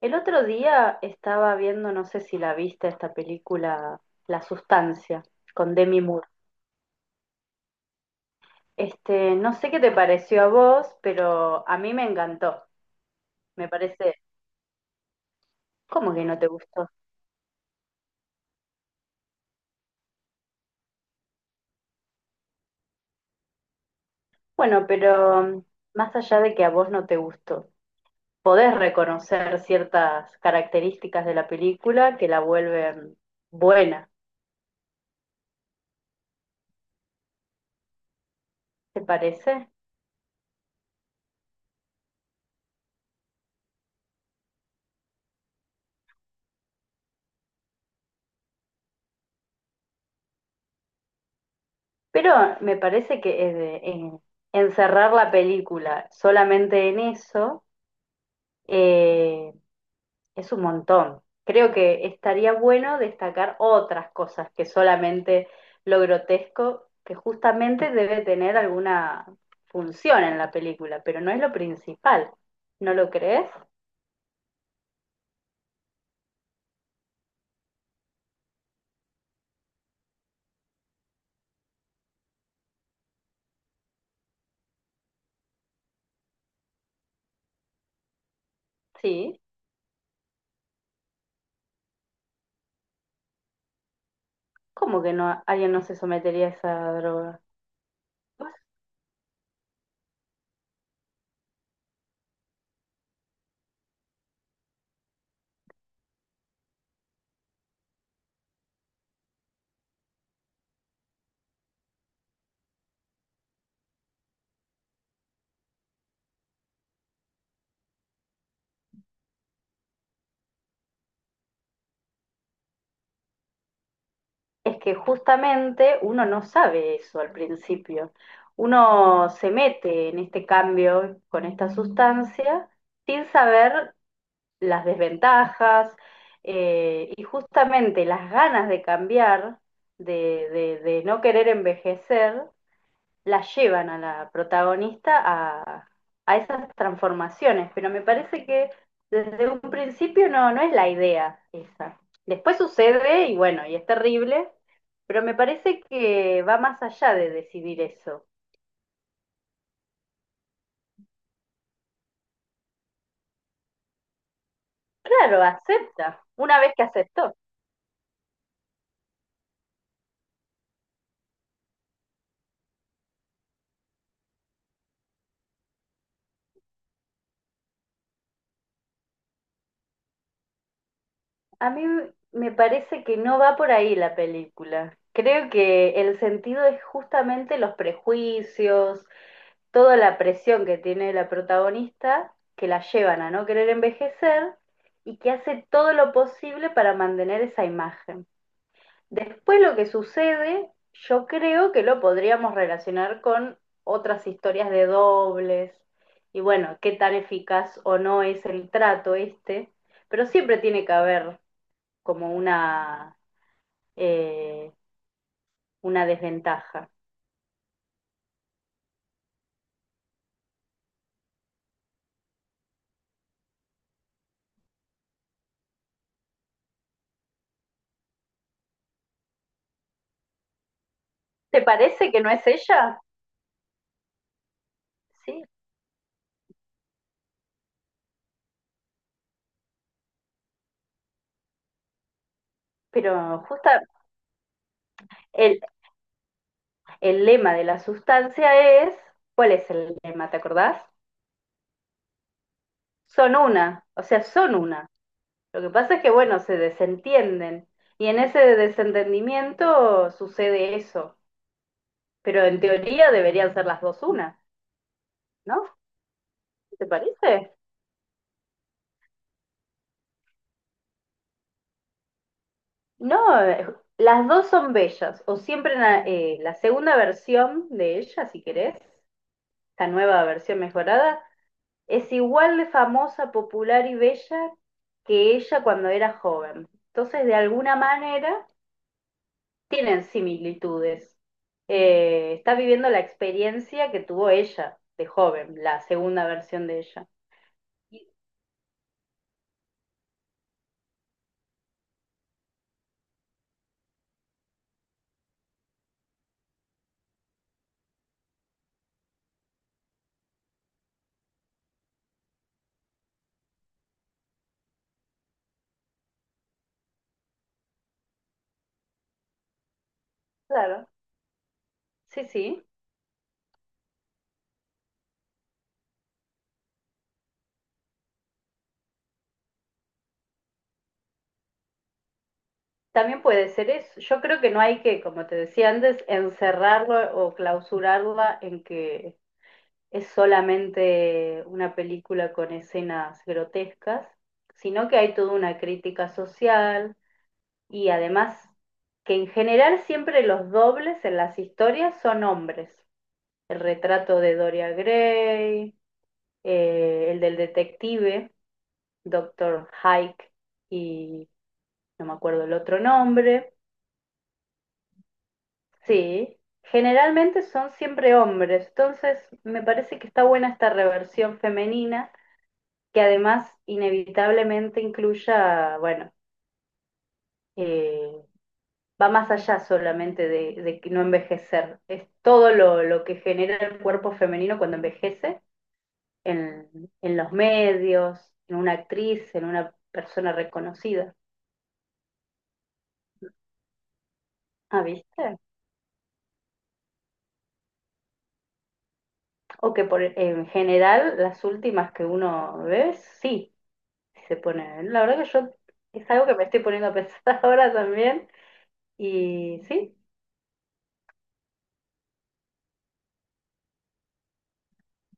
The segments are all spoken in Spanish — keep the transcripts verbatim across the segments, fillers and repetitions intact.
El otro día estaba viendo, no sé si la viste, esta película La Sustancia, con Demi Moore. Este, no sé qué te pareció a vos, pero a mí me encantó. Me parece, ¿cómo que no te gustó? Bueno, pero mm, más allá de que a vos no te gustó, podés reconocer ciertas características de la película que la vuelven buena, ¿te parece? Pero me parece que eh, de- en- encerrar la película solamente en eso, eh, es un montón. Creo que estaría bueno destacar otras cosas que solamente lo grotesco, que justamente debe tener alguna función en la película, pero no es lo principal. ¿No lo crees? Sí. ¿Cómo que no alguien no se sometería a esa droga? Es que justamente uno no sabe eso al principio. Uno se mete en este cambio con esta sustancia sin saber las desventajas eh, y justamente las ganas de cambiar, de, de- de no querer envejecer, las llevan a la protagonista a, a esas transformaciones. Pero me parece que desde un principio no, no es la idea esa. Después sucede y bueno, y es terrible, pero me parece que va más allá de decidir eso. Claro, acepta, una vez que aceptó. A mí me parece que no va por ahí la película. Creo que el sentido es justamente los prejuicios, toda la presión que tiene la protagonista, que la llevan a no querer envejecer y que hace todo lo posible para mantener esa imagen. Después lo que sucede, yo creo que lo podríamos relacionar con otras historias de dobles y bueno, qué tan eficaz o no es el trato este, pero siempre tiene que haber como una, eh, una desventaja. ¿Te parece que no es ella? Sí, pero justa el, el lema de la sustancia es, ¿cuál es el lema? ¿Te acordás? Son una, o sea, son una. Lo que pasa es que, bueno, se desentienden y en ese desentendimiento sucede eso. Pero en teoría deberían ser las dos una, ¿no? ¿Te parece? No, eh, las dos son bellas, o siempre en la, eh, la segunda versión de ella, si querés, esta nueva versión mejorada, es igual de famosa, popular y bella que ella cuando era joven. Entonces, de alguna manera, tienen similitudes. Eh, está viviendo la experiencia que tuvo ella de joven, la segunda versión de ella. Y, claro, sí, sí. También puede ser eso. Yo creo que no hay que, como te decía antes, encerrarlo o clausurarla en que es solamente una película con escenas grotescas, sino que hay toda una crítica social y además que en general siempre los dobles en las historias son hombres. El retrato de Doria Gray, eh, el del detective, Doctor Hike y no me acuerdo el otro nombre. Sí, generalmente son siempre hombres, entonces me parece que está buena esta reversión femenina que además inevitablemente incluya, bueno, eh, va más allá solamente de, de que no envejecer, es todo lo, lo que genera el cuerpo femenino cuando envejece en, en los medios, en una actriz, en una persona reconocida. Ah, ¿viste? O que por, en general las últimas que uno ve, sí, se pone. La verdad que yo es algo que me estoy poniendo a pensar ahora también. Y sí,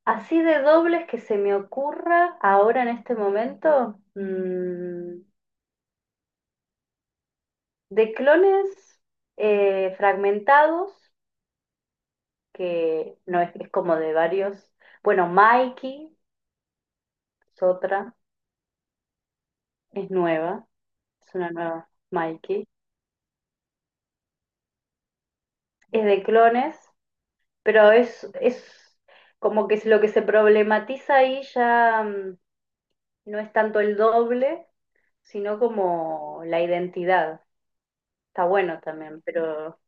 así de dobles que se me ocurra ahora en este momento, mm, de clones eh, fragmentados, que no es, es como de varios. Bueno, Mikey es otra, es nueva, es una nueva Mikey. Es de clones, pero es, es como que es lo que se problematiza ahí ya mm, no es tanto el doble, sino como la identidad. Está bueno también, pero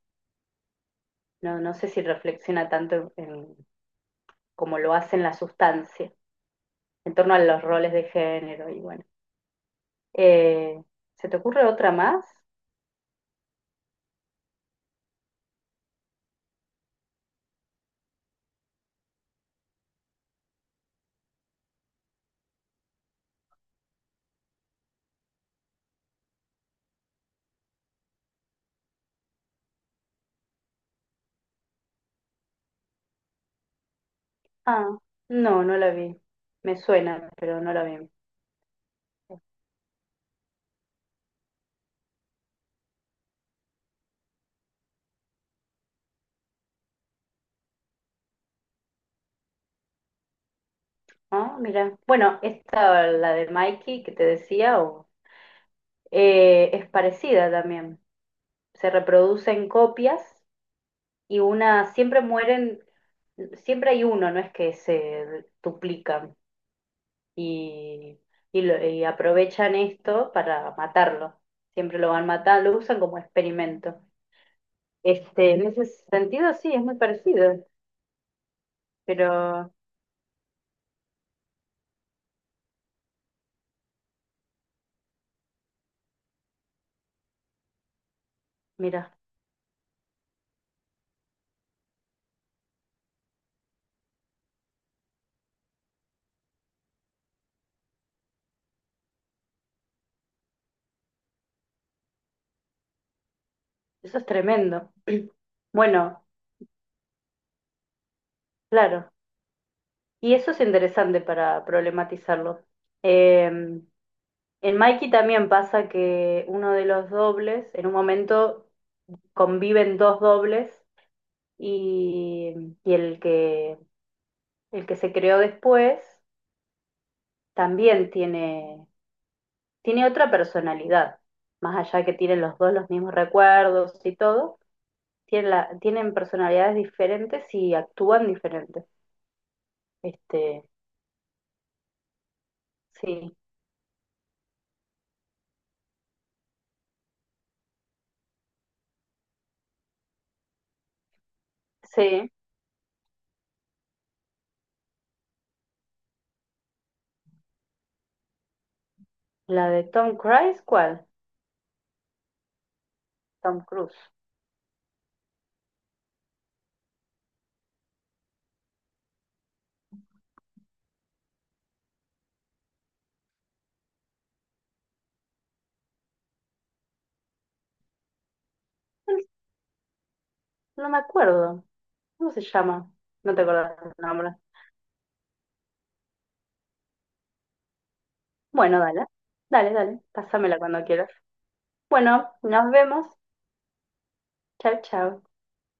no, no sé si reflexiona tanto en, como lo hace en la sustancia, en torno a los roles de género y bueno. Eh, ¿se te ocurre otra más? Ah, no, no la vi. Me suena, pero no la vi. Ah, mira. Bueno, esta, la de Mikey que te decía, o- eh, es parecida también. Se reproducen copias y una, siempre mueren, siempre hay uno, no es que se duplican. Y, y lo- y aprovechan esto para matarlo. Siempre lo van matando, lo usan como experimento. Este, en ese sentido sí, es muy parecido, pero mira, eso es tremendo. Bueno, claro, y eso es interesante para problematizarlo. Eh, en Mikey también pasa que uno de los dobles, en un momento conviven dos dobles y, y el que, el que se creó después también tiene, tiene otra personalidad, más allá que tienen los dos los mismos recuerdos y todo, tienen, la- tienen personalidades diferentes y actúan diferentes. Este, sí, sí. La de Tom Cruise, ¿cuál? Tom Cruise. No, no me acuerdo. ¿Cómo se llama? No te acuerdas el nombre. Bueno, dale. Dale, dale. Pásamela cuando quieras. Bueno, nos vemos. Chao, chao.